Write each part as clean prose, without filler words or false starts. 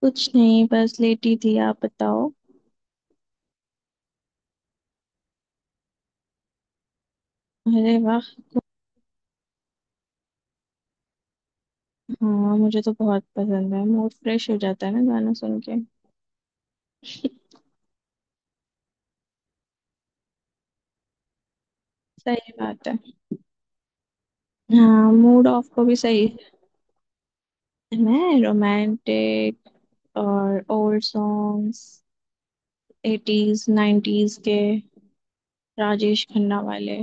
कुछ नहीं, बस लेटी थी। आप बताओ। अरे वाह। हाँ, मुझे तो बहुत पसंद है, मूड फ्रेश हो जाता है ना गाना सुन के। सही बात है। हाँ, मूड ऑफ को भी सही है। मैं रोमांटिक और ओल्ड सॉन्ग्स। एटीज नाइन्टीज के। राजेश खन्ना वाले।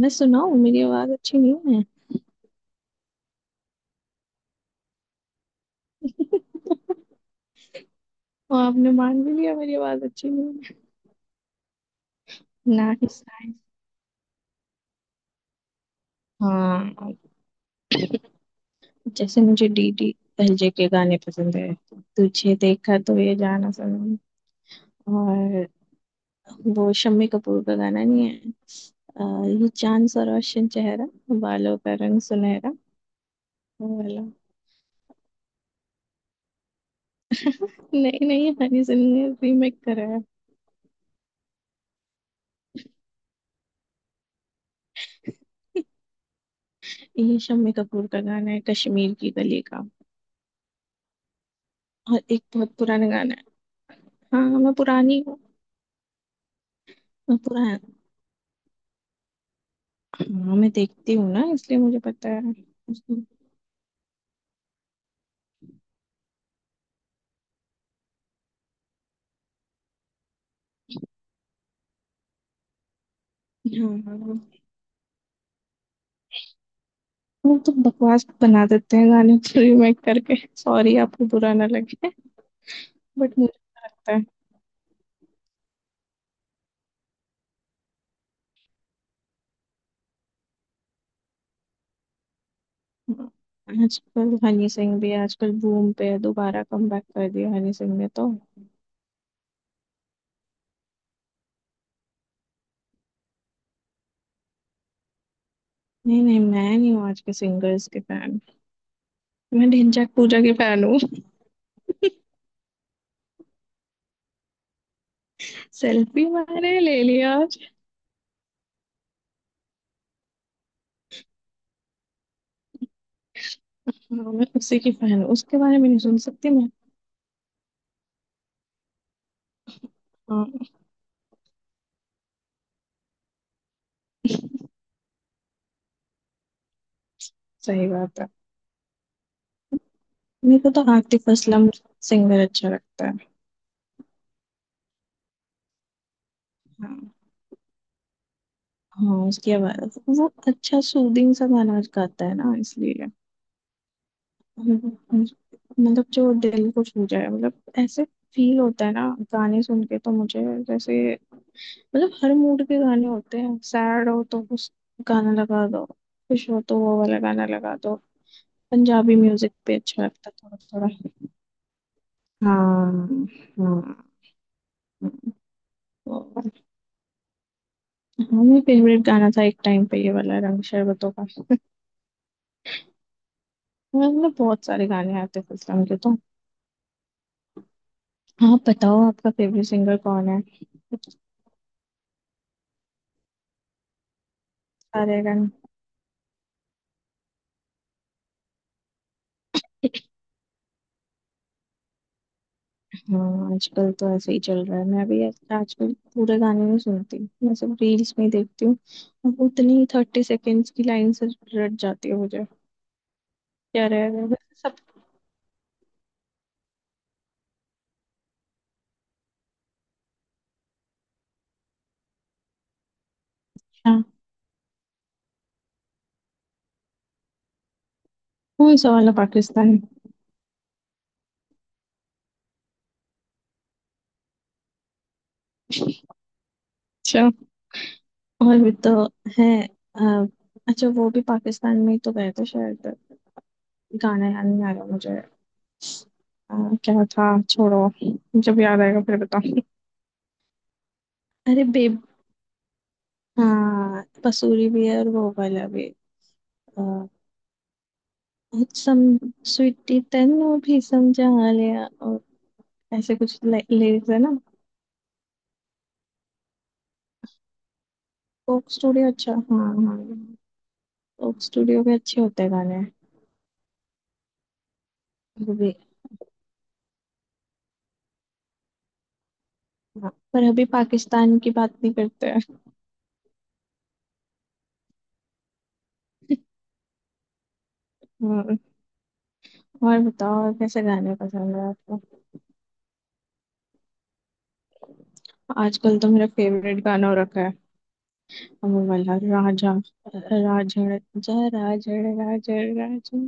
मैं सुनाऊँ? मेरी आवाज अच्छी नहीं है। और आपने मान भी लिया मेरी आवाज अच्छी नहीं है। Nice nice. हाँ, जैसे मुझे डीडी एलजे के गाने पसंद है। तुझे देखा तो ये जाना सनम। और वो शम्मी कपूर का गाना नहीं है? अ, ये चांद सा रोशन चेहरा, बालों का रंग सुनहरा। वो वाला। नहीं नहीं, हनी सिंह ने रीमेक करा है। ये शम्मी कपूर का गाना है, कश्मीर की गली का। और एक बहुत पुराना गाना है। हाँ, मैं पुरानी हूँ। मैं पुराना। हाँ, मैं देखती हूँ ना, इसलिए मुझे पता है। हाँ, वो तो बकवास बना देते हैं गाने को रीमेक करके। सॉरी, आपको बुरा ना लगे, बट मुझे ऐसा लगता है। हाँ, आजकल हनी सिंह भी आजकल बूम पे है, दोबारा कमबैक कर दिया हनी सिंह ने तो। नहीं नहीं, मैं नहीं हूँ आज के सिंगर्स के फैन। मैं ढिंचैक पूजा की फैन हूँ। सेल्फी मैंने ले लिया आज। हाँ, मैं उसी की फैन हूँ, उसके बारे में नहीं सुन सकती मैं। हाँ, सही बात है। मेरे को तो आतिफ असलम सिंगर अच्छा लगता है। हाँ। हाँ, उसकी आवाज, वो अच्छा सूदिंग सा गाना गाता है ना, इसलिए। मतलब जो दिल को छू जाए, मतलब ऐसे फील होता है ना गाने सुन के तो मुझे। जैसे, मतलब हर मूड के गाने होते हैं। सैड हो तो उस गाना लगा दो, खुश हो तो वो वाला गाना लगा दो। पंजाबी म्यूजिक पे अच्छा लगता है थोड़ा थोड़ा। हाँ हाँ हाँ। हाँ, मेरा फेवरेट गाना था एक टाइम पे ये वाला, रंग शरबतों का। मतलब बहुत सारे गाने आते थे इस्लाम के तो। हाँ, बताओ, आपका फेवरेट सिंगर कौन है? सारे गाने। हाँ, आजकल तो ऐसे ही चल रहा है। मैं भी आजकल पूरे गाने नहीं सुनती, मैं सब रील्स में ही देखती हूँ। अब उतनी 30 सेकेंड्स की लाइन से रट जाती है मुझे। क्या रह गया वैसे सब। अच्छा। कौन सा वाला पाकिस्तान? अच्छा। और भी तो है। अ, अच्छा, वो भी पाकिस्तान में ही तो गए थे शायद। गाना याद नहीं आ रहा मुझे। अ, क्या था, छोड़ो। जब याद आएगा फिर बताऊँ। अरे बेब। हाँ, पसूरी भी है और वो वाला भी। अ, सम स्वीटी तेनू भी समझा लिया, और ऐसे कुछ लिरिक्स है ना। कोक स्टूडियो, अच्छा, हाँ हाँ। कोक स्टूडियो के अच्छे होते हैं गाने। वो भी। हाँ, पर अभी पाकिस्तान की बात नहीं करते हैं। हाँ, और बताओ, और कैसे गाने पसंद है आपको? आजकल तो मेरा फेवरेट गाना हो रखा है। वो वाला, राजा राजड़, जा राजड़ राजड़ राजड़,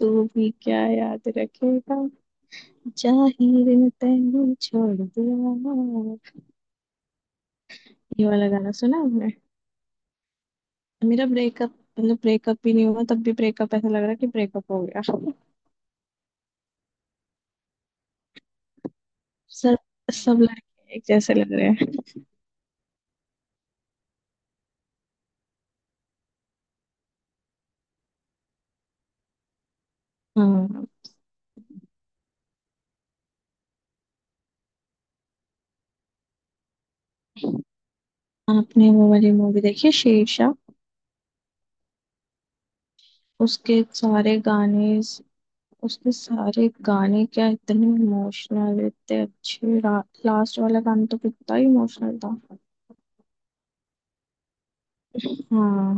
तू भी क्या याद रखेगा, जाहिर ने तैनू छोड़ दिया। ये वाला गाना सुना आपने? मेरा ब्रेकअप, मतलब ब्रेकअप भी नहीं हुआ तब भी ब्रेकअप ऐसा लग रहा है कि ब्रेकअप हो गया सब। सब लड़के एक जैसे लग रहे हैं। हाँ। आपने वो वाली मूवी देखी है, शेरशाह? उसके सारे गाने। उसके सारे गाने क्या इतने इमोशनल, इतने अच्छे। लास्ट वाला गाना तो कितना इमोशनल था। हाँ।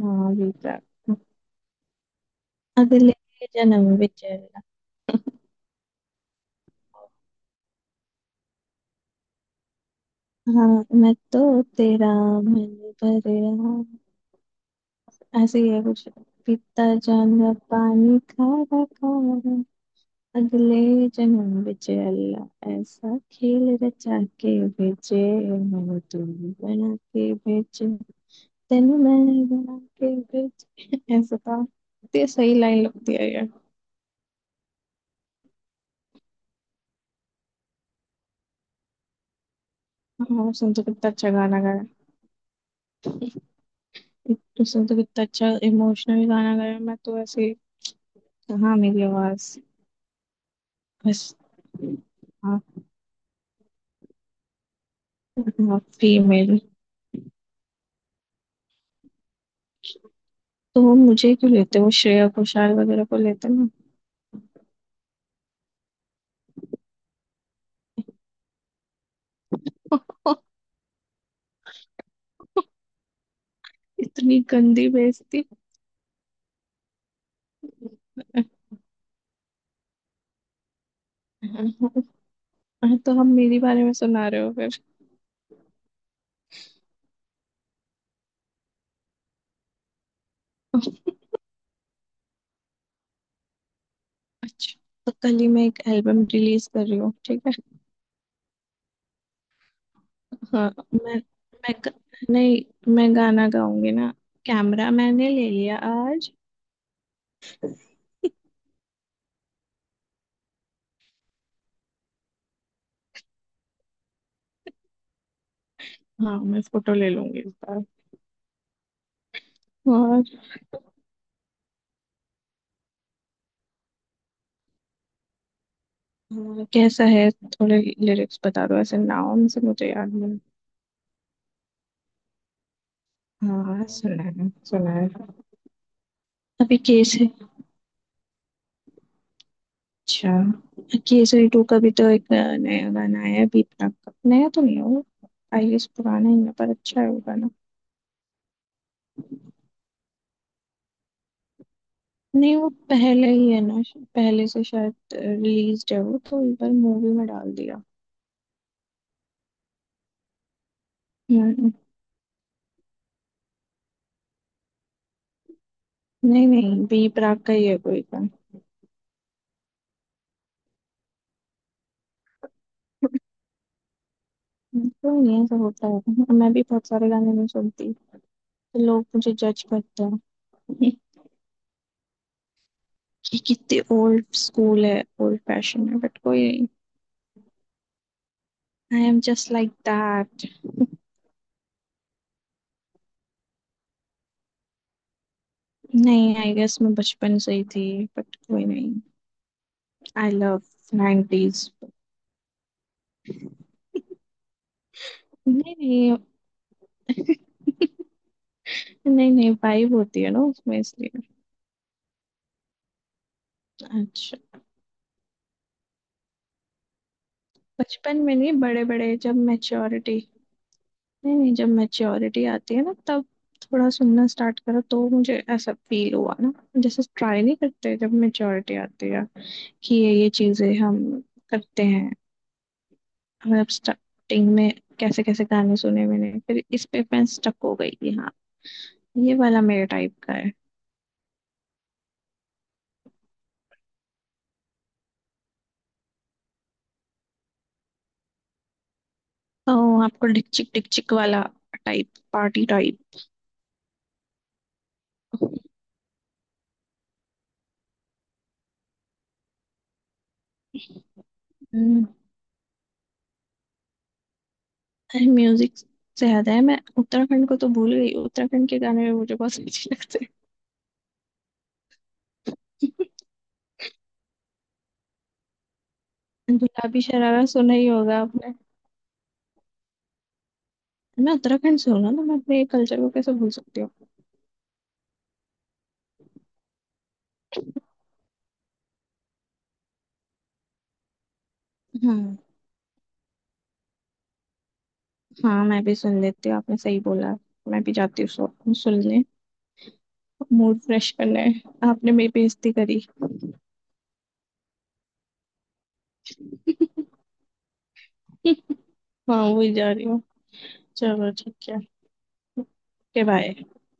हाँ भी। अगले जन्म विच। हाँ, मैं तो तेरा मन भरे, ऐसे ही है कुछ। पीता जाऊंगा पानी खारा खारा। अगले जन्म बिच अल्लाह ऐसा खेल रचा के भेजे, मैं तू बना के भेजे, तेनू मैं बना के भेजे, ऐसा था। ते सही लाइन लगती है यार। हाँ, सुन तो कितना अच्छा गाना गाया। तो सुन तो कितना अच्छा इमोशनल गाना गाया, मैं तो ऐसे। हाँ, मेरी आवाज, बस। हाँ। फीमेल। तो वो मुझे क्यों लेते, वो श्रेया घोषाल वगैरह को लेते ना। इतनी गंदी बेइज्जती। हाँ, तो हम मेरी बारे में सुना रहे हो फिर। अच्छा, तो कल ही मैं एक एल्बम रिलीज कर रही हूँ, ठीक है। हाँ। मैं मैं ग- नहीं मैं गाना गाऊंगी ना। कैमरा मैंने ले लिया आज। हाँ, मैं फोटो ले लूंगी इस बार। और हाँ, कैसा है, थोड़े लिरिक्स बता दो, ऐसे नाम से मुझे याद नहीं। हाँ सुना है, सुना है। अभी केस। अच्छा, केसरी टू का भी तो एक नया गाना आया है बीपना का। नया तो नहीं है वो, आई गेस पुराना ही है, पर अच्छा है वो गाना। नहीं, वो पहले ही है ना, पहले से शायद रिलीज है वो, तो एक बार मूवी में डाल दिया। हम्म। नहीं नहीं, बी प्राक का ही है कोई गाना। तो नहीं, ऐसा होता है, मैं भी बहुत सारे गाने नहीं सुनती, तो लोग मुझे जज करते हैं कि कितने ओल्ड स्कूल है, ओल्ड फैशन है, बट कोई नहीं। I am just like that. नहीं, आई गेस मैं बचपन से ही थी, बट कोई नहीं। I love 90s। नहीं नहीं। नहीं नहीं, वाइब होती है ना उसमें, इसलिए। अच्छा। बचपन में नहीं, बड़े बड़े जब मैच्योरिटी। नहीं नहीं, जब मैच्योरिटी आती है ना, तब थोड़ा सुनना स्टार्ट करो, तो मुझे ऐसा फील हुआ ना। जैसे ट्राई नहीं करते जब मैच्योरिटी आती है कि ये चीजें हम करते हैं। मतलब स्टार्टिंग में कैसे कैसे गाने सुने मैंने, फिर इस पे मैं स्टक हो गई कि हाँ, ये वाला मेरे टाइप का है। ओ, आपको डिकचिक डिकचिक वाला टाइप, पार्टी टाइप। हम्म। अरे, म्यूजिक से याद है, मैं उत्तराखंड को तो भूल गई, उत्तराखंड के गाने भी मुझे बहुत अच्छे लगते हैं। गुलाबी शरारा सुना ही होगा आपने। मैं उत्तराखंड से हूँ ना, तो मैं अपने कल्चर को कैसे भूल सकती हूँ। हम्म। हाँ, मैं भी सुन लेती हूँ, आपने सही बोला। मैं भी जाती हूँ सुनने। मूड फ्रेश करना है। आपने मेरी बेइज्जती करी। हाँ, वही जा रही हूँ। चलो ठीक है। Okay bye.